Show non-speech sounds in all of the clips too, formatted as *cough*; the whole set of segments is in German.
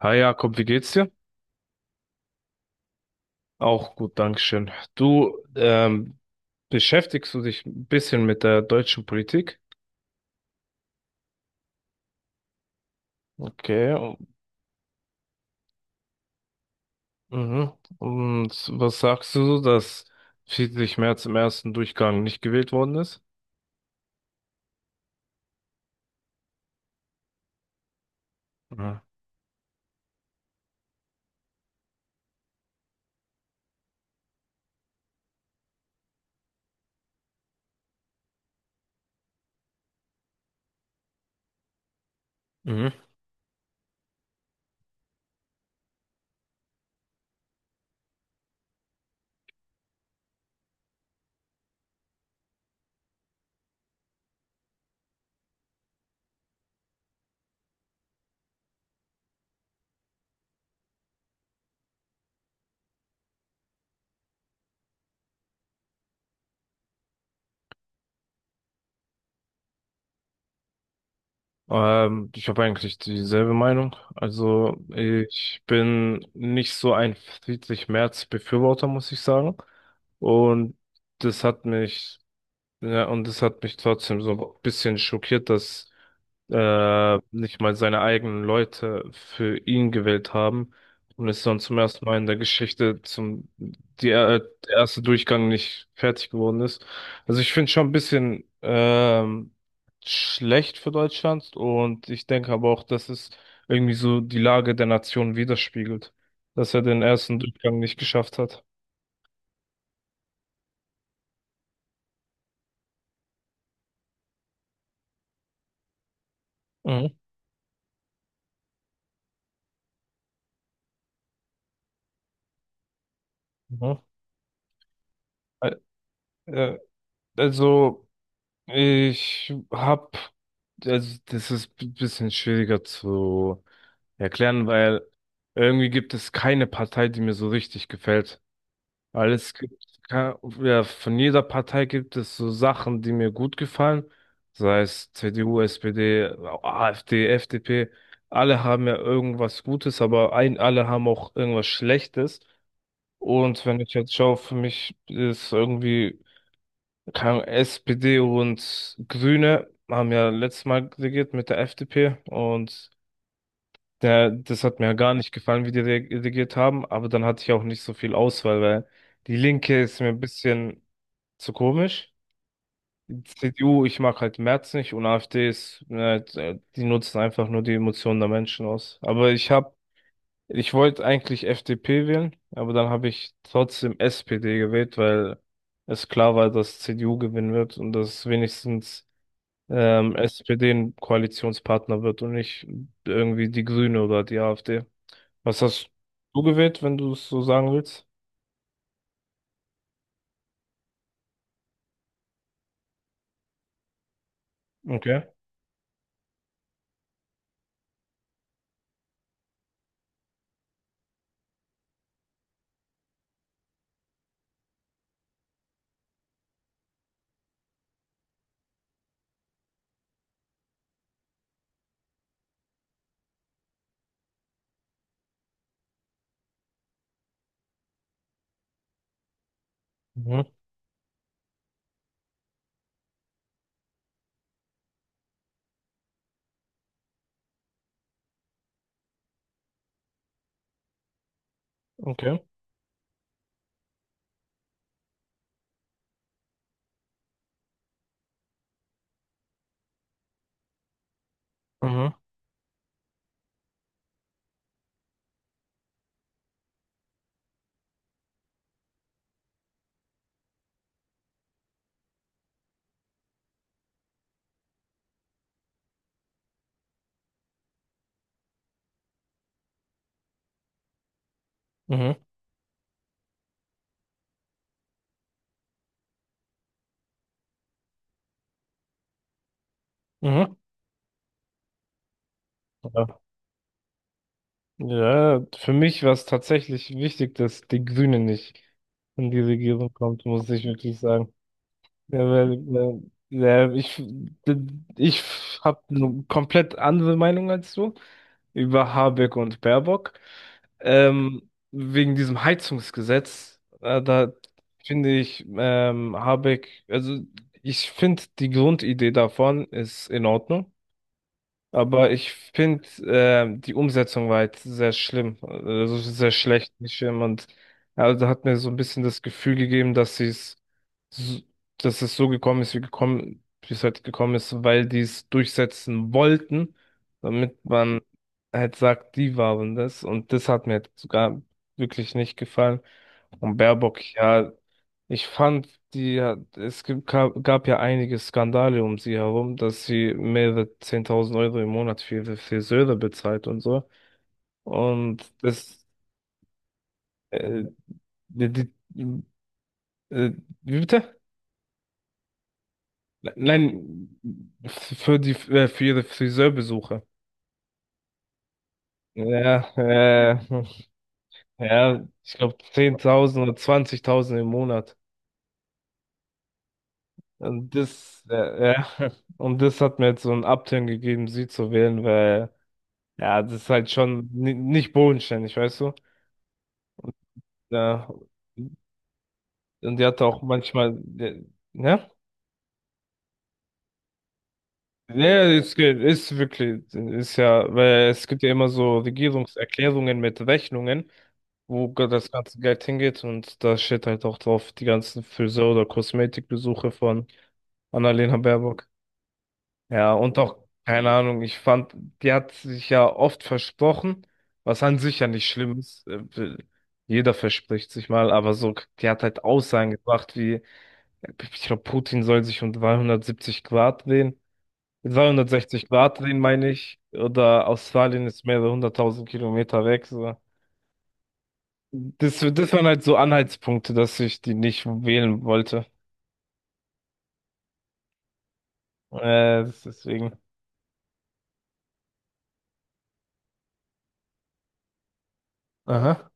Hi Jakob, wie geht's dir? Auch gut, Dankeschön. Du, beschäftigst du dich ein bisschen mit der deutschen Politik? Okay, mhm. Und was sagst du, so, dass Friedrich Merz im ersten Durchgang nicht gewählt worden ist? Mhm. Mhm. Ich habe eigentlich dieselbe Meinung. Also ich bin nicht so ein Friedrich Merz-Befürworter, muss ich sagen. Und das hat mich. Ja, und es hat mich trotzdem so ein bisschen schockiert, dass nicht mal seine eigenen Leute für ihn gewählt haben und es dann zum ersten Mal in der Geschichte zum die, der erste Durchgang nicht fertig geworden ist. Also ich finde schon ein bisschen schlecht für Deutschland und ich denke aber auch, dass es irgendwie so die Lage der Nation widerspiegelt, dass er den ersten Durchgang nicht geschafft hat. Mhm. Mhm. Äh, äh, also Ich hab, also das ist ein bisschen schwieriger zu erklären, weil irgendwie gibt es keine Partei, die mir so richtig gefällt. Weil es gibt, ja, von jeder Partei gibt es so Sachen, die mir gut gefallen. Sei es CDU, SPD, AfD, FDP. Alle haben ja irgendwas Gutes, aber ein, alle haben auch irgendwas Schlechtes. Und wenn ich jetzt schaue, für mich ist irgendwie keine Ahnung, SPD und Grüne haben ja letztes Mal regiert mit der FDP und der, das hat mir ja gar nicht gefallen, wie die regiert haben, aber dann hatte ich auch nicht so viel Auswahl, weil die Linke ist mir ein bisschen zu komisch. Die CDU, ich mag halt Merz nicht und AfD ist, die nutzen einfach nur die Emotionen der Menschen aus. Aber ich habe, ich wollte eigentlich FDP wählen, aber dann habe ich trotzdem SPD gewählt, weil es klar war, dass CDU gewinnen wird und dass wenigstens SPD ein Koalitionspartner wird und nicht irgendwie die Grüne oder die AfD. Was hast du gewählt, wenn du es so sagen willst? Okay. Mhm. Okay. Mhm. Mhm. Mhm. Ja. Ja, für mich war es tatsächlich wichtig, dass die Grüne nicht in die Regierung kommt, muss ich wirklich sagen. Ja, weil, ja, ich habe eine komplett andere Meinung als du über Habeck und Baerbock. Wegen diesem Heizungsgesetz, da finde ich Habeck, also ich finde die Grundidee davon ist in Ordnung. Aber ich finde, die Umsetzung war jetzt sehr schlimm, also sehr schlecht, nicht schlimm. Und ja, also hat mir so ein bisschen das Gefühl gegeben, dass sie es, so- dass es so gekommen ist, wie gekommen, wie es halt gekommen ist, weil die es durchsetzen wollten, damit man halt sagt, die waren das. Und das hat mir jetzt sogar wirklich nicht gefallen. Und Baerbock, ja. Ich fand, die hat, es gibt, gab, gab ja einige Skandale um sie herum, dass sie mehrere 10.000 Euro im Monat für ihre Friseure bezahlt und so. Und das, äh, die, die, äh, wie bitte? Nein, für ihre Friseurbesuche. Ja, ja, ich glaube 10.000 oder 20.000 im Monat. Und das, ja, *laughs* und das hat mir jetzt so einen Upturn gegeben, sie zu wählen, weil. Ja, das ist halt schon nicht bodenständig, weißt du? Ja. Und die hat auch manchmal, ne? Ja, es geht, ist wirklich, ist ja, weil es gibt ja immer so Regierungserklärungen mit Rechnungen, wo das ganze Geld hingeht und da steht halt auch drauf die ganzen Friseur- oder Kosmetikbesuche von Annalena Baerbock. Ja, und auch, keine Ahnung, ich fand, die hat sich ja oft versprochen, was an sich ja nicht schlimm ist. Jeder verspricht sich mal, aber so, die hat halt Aussagen gebracht wie, ich glaube, Putin soll sich um 370 Grad drehen. 360 Grad drehen, meine ich. Oder Australien ist mehrere hunderttausend Kilometer weg. So. Das, das waren halt so Anhaltspunkte, dass ich die nicht wählen wollte. Deswegen. Aha.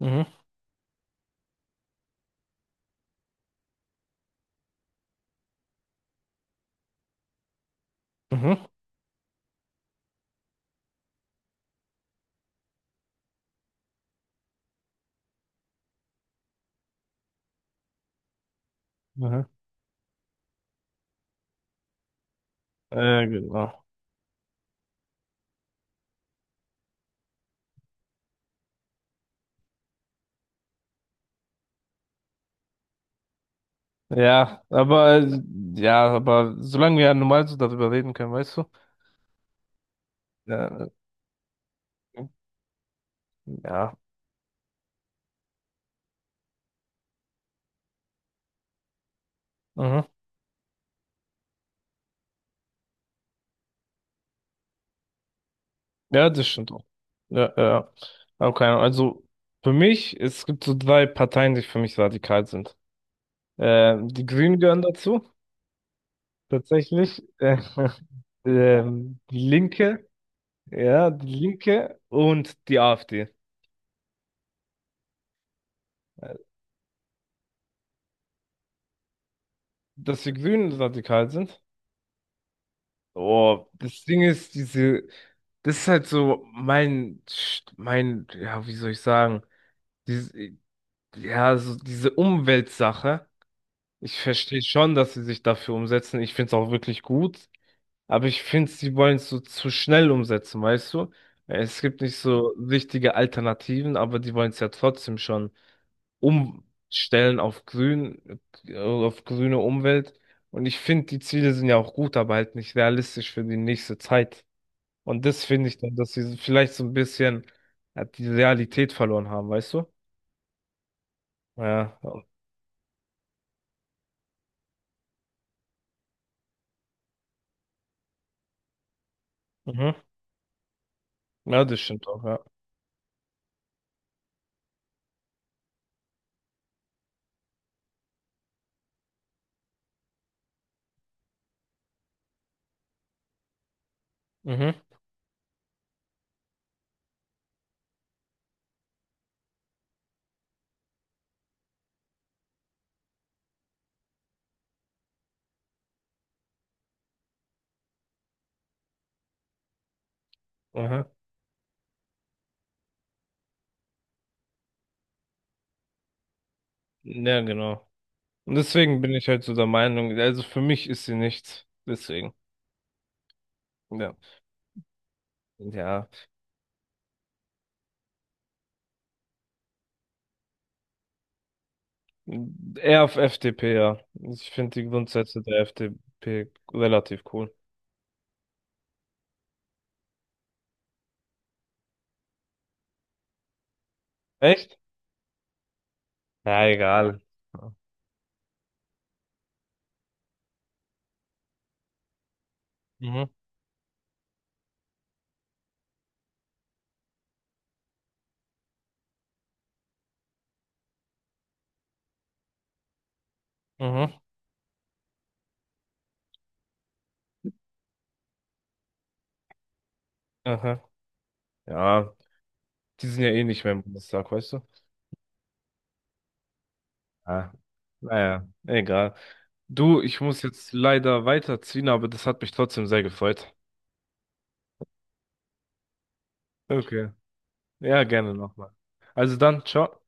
Mhm. Mhm. Mhm. Genau. Ja, aber solange wir ja normal so darüber reden können, weißt du? Ja, ja, mhm. Ja, das stimmt auch. Ja, ja. Ja. Aber keine Ahnung. Also für mich, es gibt so drei Parteien, die für mich radikal sind. Die Grünen gehören dazu, tatsächlich. *laughs* Die Linke, ja, die Linke und die AfD. Äh, Dass die Grünen radikal sind. Oh, das Ding ist, diese, das ist halt so mein, mein, ja, wie soll ich sagen, diese, ja, so diese Umweltsache. Ich verstehe schon, dass sie sich dafür umsetzen. Ich finde es auch wirklich gut. Aber ich finde, sie wollen es so zu schnell umsetzen, weißt du? Es gibt nicht so richtige Alternativen, aber die wollen es ja trotzdem schon umstellen auf grün, auf grüne Umwelt. Und ich finde, die Ziele sind ja auch gut, aber halt nicht realistisch für die nächste Zeit. Und das finde ich dann, dass sie so vielleicht so ein bisschen die Realität verloren haben, weißt du? Ja. Mhm. Ja, das stimmt auch, ja. Mhm. Aha. Ja, genau. Und deswegen bin ich halt so der Meinung, also für mich ist sie nichts. Deswegen. Ja. Ja. Eher auf FDP, ja. Ich finde die Grundsätze der FDP relativ cool. Echt? Ja, egal. Ja. Mhm. Mhm. Aha. Ja. Die sind ja eh nicht mehr im Bundestag, weißt du? Ja. Naja, egal. Du, ich muss jetzt leider weiterziehen, aber das hat mich trotzdem sehr gefreut. Okay. Ja, gerne nochmal. Also dann, ciao.